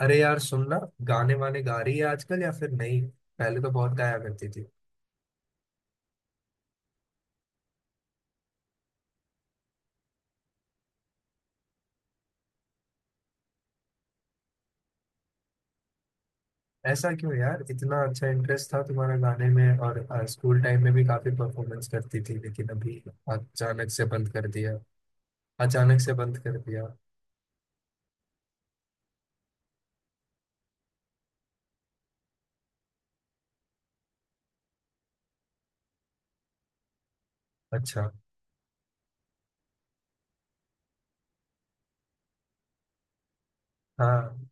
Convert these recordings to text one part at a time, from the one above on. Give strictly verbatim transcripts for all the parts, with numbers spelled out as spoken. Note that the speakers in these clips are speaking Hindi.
अरे यार सुनना। गाने वाने गा रही है आजकल या फिर नहीं? पहले तो बहुत गाया करती थी। ऐसा क्यों यार, इतना अच्छा इंटरेस्ट था तुम्हारा गाने में, और आ, स्कूल टाइम में भी काफी परफॉर्मेंस करती थी, लेकिन अभी अचानक से बंद कर दिया। अचानक से बंद कर दिया। अच्छा। हाँ,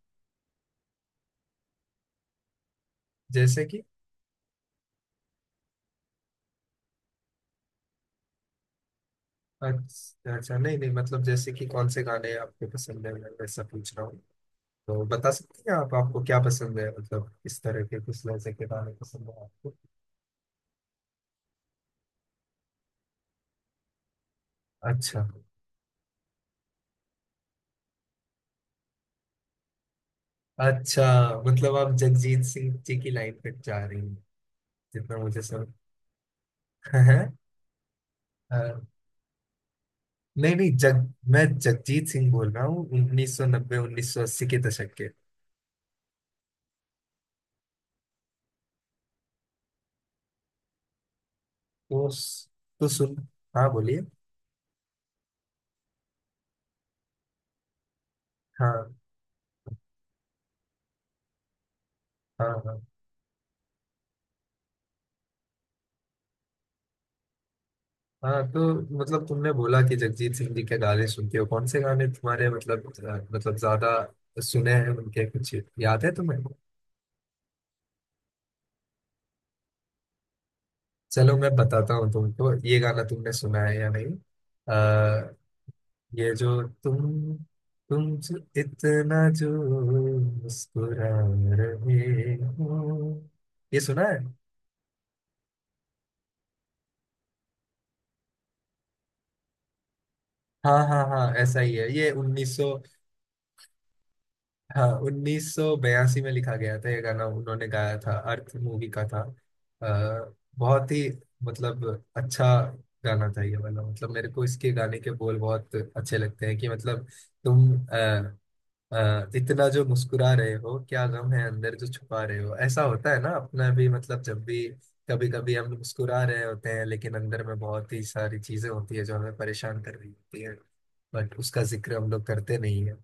जैसे कि अच्छा अच्छा, नहीं नहीं, मतलब जैसे कि कौन से गाने आपके पसंद है, मैं वैसा पूछ रहा हूँ। तो बता सकती हैं आप, आपको क्या पसंद है, मतलब किस तरह के, किस लहजे के गाने पसंद है आपको। अच्छा अच्छा, मतलब आप जगजीत सिंह जी की लाइन पे जा रही हैं। जितना मुझे सब है। नहीं नहीं जग, मैं जगजीत सिंह बोल रहा हूँ, उन्नीस सौ नब्बे उन्नीस सौ अस्सी के दशक के। तो तो सुन, हाँ बोलिए। हाँ हाँ हाँ हाँ। तो मतलब तुमने बोला कि जगजीत सिंह जी के गाने सुनते हो, कौन से गाने तुम्हारे, मतलब अ, मतलब ज्यादा सुने हैं उनके, कुछ याद है तुम्हें? चलो मैं बताता हूँ तुमको, ये गाना तुमने सुना है या नहीं। ये जो तुम, तुमसे इतना जो मुस्कुरा रहे हो, ये सुना है? हाँ हाँ हाँ, ऐसा ही है ये। उन्नीस सौ, हाँ उन्नीस सौ बयासी में लिखा गया था ये गाना, उन्होंने गाया था। अर्थ मूवी का था। अ, बहुत ही, मतलब अच्छा गाना था ये वाला। मतलब मेरे को इसके गाने के बोल बहुत अच्छे लगते हैं, कि मतलब, तुम, हाँ इतना जो मुस्कुरा रहे हो, क्या गम है अंदर जो छुपा रहे हो। ऐसा होता है ना अपना भी, मतलब जब भी, कभी कभी हम मुस्कुरा रहे होते हैं, लेकिन अंदर में बहुत ही सारी चीजें होती है जो हमें परेशान कर रही होती है, बट उसका जिक्र हम लोग करते नहीं है।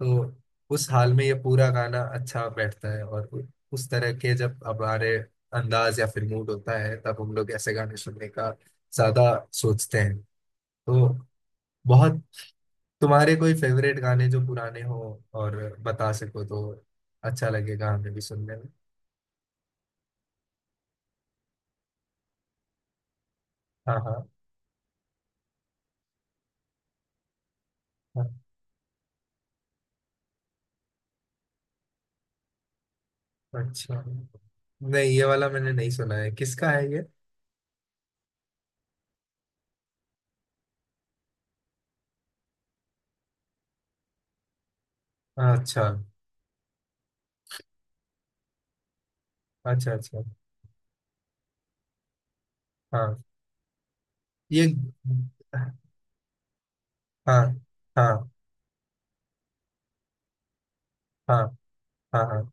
तो उस हाल में ये पूरा गाना अच्छा बैठता है, और उ- उस तरह के जब हमारे अंदाज या फिर मूड होता है, तब हम लोग ऐसे गाने सुनने का ज्यादा सोचते हैं। तो बहुत, तुम्हारे कोई फेवरेट गाने जो पुराने हो और बता सको तो अच्छा लगेगा, हमें भी सुनने में। हाँ हाँ हाँ, अच्छा। नहीं, ये वाला मैंने नहीं सुना है, किसका है ये? हाँ, अच्छा अच्छा अच्छा। हाँ ये। हाँ हाँ हाँ हाँ हाँ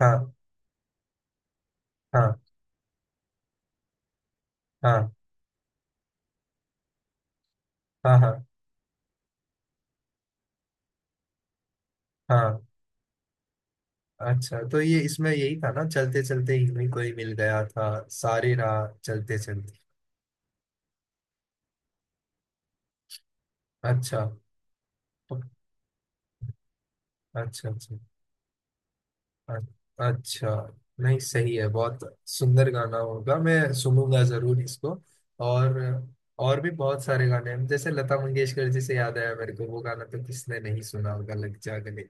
हाँ हाँ हाँ हाँ हाँ हाँ, अच्छा तो ये इसमें यही था ना, चलते चलते ही कोई मिल गया था, सारे राह चलते चलते। अच्छा अच्छा अच्छा अ- अच्छा। नहीं सही है, बहुत सुंदर गाना होगा, मैं सुनूंगा जरूर इसको। और और भी बहुत सारे गाने हैं, जैसे लता मंगेशकर जी से याद आया मेरे को वो गाना, तो किसने नहीं सुना होगा लग जा गले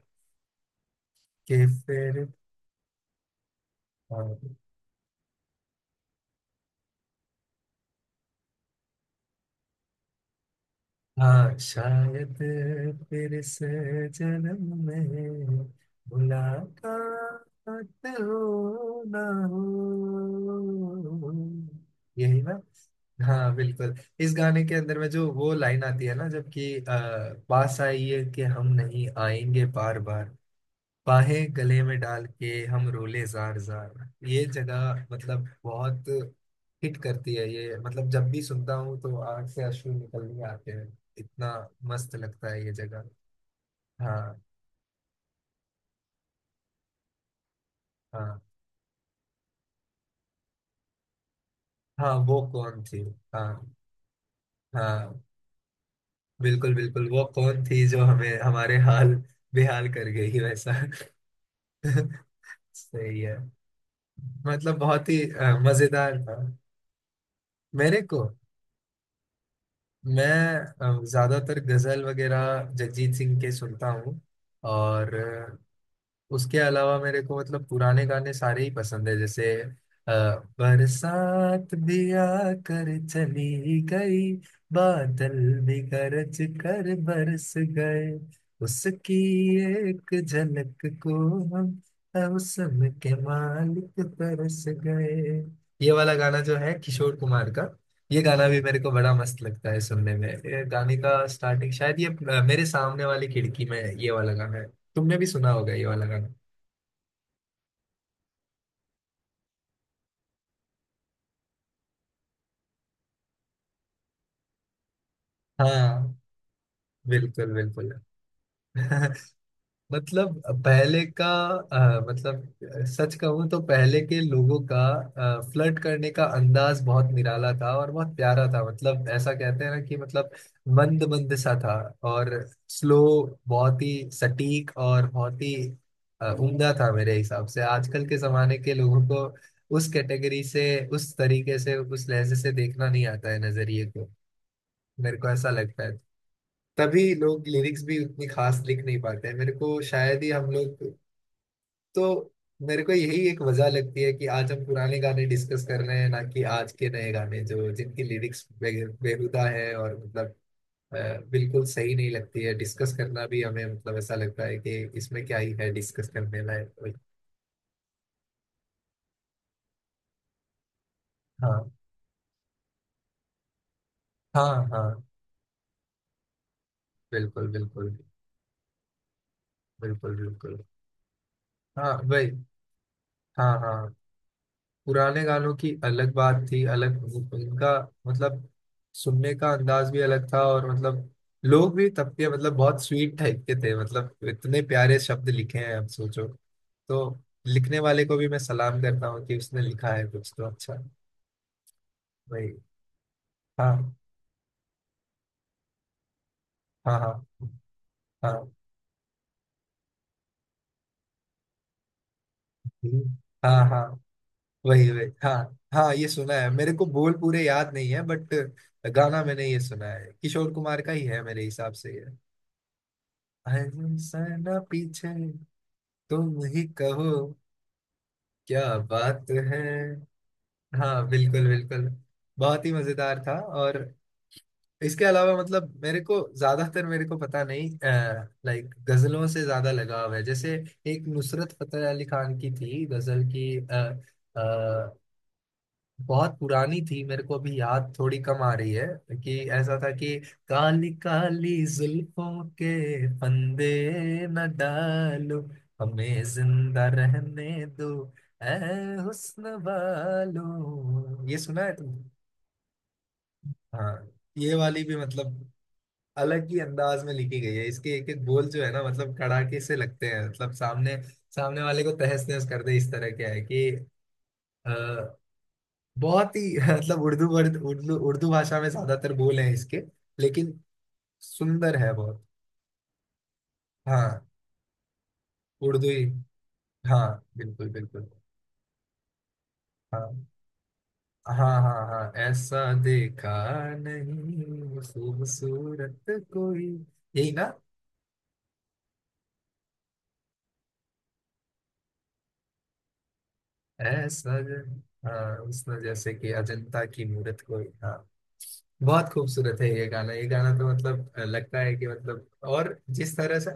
के फिर। हाँ शायद, फिर से जन्म में मुलाकात हो ना हो, यही ना? हाँ बिल्कुल। इस गाने के अंदर में जो वो लाइन आती है ना, जबकि अ, पास आई है कि हम नहीं आएंगे बार बार, बाहें गले में डाल के हम रोले जार जार, ये जगह मतलब बहुत हिट करती है ये, मतलब जब भी सुनता हूँ तो आंख से अश्रु निकलने आते हैं, इतना मस्त लगता है ये जगह। हाँ हाँ हाँ, वो कौन थी। हाँ हाँ, बिल्कुल बिल्कुल, वो कौन थी जो हमें हमारे हाल बेहाल कर गई, वैसा। सही है। मतलब बहुत ही अ, मजेदार था। मेरे को, मैं अ, ज्यादातर गजल वगैरह जगजीत सिंह के सुनता हूँ, और अ, उसके अलावा मेरे को मतलब पुराने गाने सारे ही पसंद है। जैसे अ, बरसात भी आकर चली गई, बादल भी गरज कर बरस गए, उसकी एक झलक को हम मौसम के मालिक बरस गए, ये वाला गाना जो है किशोर कुमार का, ये गाना भी मेरे को बड़ा मस्त लगता है सुनने में। ये गाने का स्टार्टिंग शायद ये अ, मेरे सामने वाली खिड़की में, ये वाला गाना है, तुमने भी सुना होगा ये वाला गाना। हाँ बिल्कुल बिल्कुल। मतलब पहले का अ, मतलब सच कहूँ तो पहले के लोगों का फ्लर्ट करने का अंदाज बहुत निराला था और बहुत प्यारा था। मतलब ऐसा कहते हैं ना, कि मतलब मंद मंद सा था और स्लो, बहुत ही सटीक और बहुत ही अ, उम्दा था। मेरे हिसाब से आजकल के जमाने के लोगों को उस कैटेगरी से, उस तरीके से, उस लहजे से देखना नहीं आता है नजरिए को, मेरे को ऐसा लगता है। तभी लोग लिरिक्स भी उतनी खास लिख नहीं पाते हैं, मेरे को शायद ही हम लोग। तो मेरे को यही एक वजह लगती है कि आज हम पुराने गाने डिस्कस कर रहे हैं, ना कि आज के नए गाने जो जिनकी लिरिक्स बे, बेहुदा है, और मतलब अ, बिल्कुल सही नहीं लगती है डिस्कस करना भी हमें, मतलब ऐसा लगता है कि इसमें क्या ही है डिस्कस करने लायक कोई। हाँ हाँ हाँ, बिल्कुल बिल्कुल। बिल्कुल बिल्कुल। हाँ भाई, हाँ हाँ। पुराने गानों की अलग बात थी, अलग उनका मतलब सुनने का अंदाज भी अलग था, और मतलब लोग भी तब के मतलब बहुत स्वीट टाइप के थे, मतलब इतने प्यारे शब्द लिखे हैं, अब सोचो तो लिखने वाले को भी मैं सलाम करता हूँ कि उसने लिखा है कुछ तो अच्छा। वही। हाँ हाँ हाँ हाँ। हम्म, हाँ हाँ। वही वही, हाँ हाँ, ये सुना है, मेरे को बोल पूरे याद नहीं है, बट गाना मैंने ये सुना है, किशोर कुमार का ही है मेरे हिसाब से ये। हम सना पीछे, तुम ही कहो क्या बात है। हाँ बिल्कुल बिल्कुल, बहुत ही मजेदार था। और इसके अलावा मतलब मेरे को ज्यादातर, मेरे को पता नहीं, लाइक गजलों से ज्यादा लगाव है। जैसे एक नुसरत फतेह अली खान की थी गजल की, बहुत पुरानी थी, मेरे को अभी याद थोड़ी कम आ रही है, कि ऐसा था कि काली काली जुल्फों के फंदे न डालो, हमें जिंदा रहने दो ऐ हुस्न वालो, ये सुना है तुमने? हाँ, ये वाली भी मतलब अलग ही अंदाज में लिखी गई है, इसके एक एक बोल जो है ना, मतलब कड़ाके से लगते हैं, मतलब सामने सामने वाले को तहस नहस कर दे इस तरह के है कि अ, बहुत ही मतलब उर्दू वर्ड, उर्दू उर्दू भाषा में ज्यादातर बोल हैं इसके, लेकिन सुंदर है बहुत। हाँ उर्दू ही, हाँ बिल्कुल बिल्कुल। हाँ हाँ हाँ हाँ ऐसा देखा, नहीं, खूबसूरत कोई, यही ना? ऐसा ज- हाँ उसमें जैसे कि अजंता की मूरत कोई, हाँ बहुत खूबसूरत है ये गाना, ये गाना तो मतलब लगता है कि मतलब, और जिस तरह से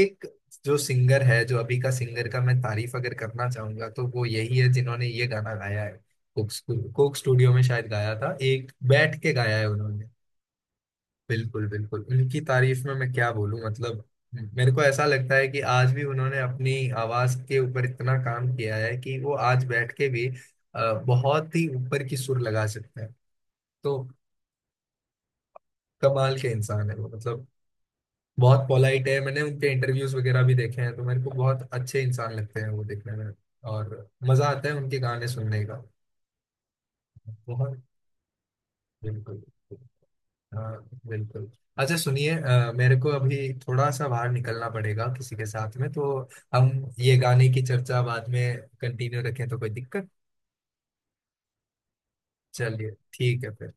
एक जो सिंगर है, जो अभी का सिंगर का मैं तारीफ अगर करना चाहूंगा तो वो यही है जिन्होंने ये गाना गाया है। कोक कोक स्टूडियो में शायद गाया था, एक बैठ के गाया है उन्होंने। बिल्कुल बिल्कुल, उनकी तारीफ में मैं क्या बोलूं, मतलब मेरे को ऐसा लगता है कि आज भी उन्होंने अपनी आवाज के ऊपर इतना काम किया है कि वो आज बैठ के भी अ, बहुत ही ऊपर की सुर लगा सकते हैं। तो कमाल के इंसान है वो, मतलब बहुत पोलाइट है, मैंने उनके इंटरव्यूज वगैरह भी देखे हैं तो मेरे को बहुत अच्छे इंसान लगते हैं वो देखने में, और मजा आता है उनके गाने सुनने का। बहुत बिल्कुल, हाँ बिल्कुल। अच्छा सुनिए, अ, मेरे को अभी थोड़ा सा बाहर निकलना पड़ेगा किसी के साथ में, तो हम ये गाने की चर्चा बाद में कंटिन्यू रखें, तो कोई दिक्कत? चलिए ठीक है फिर।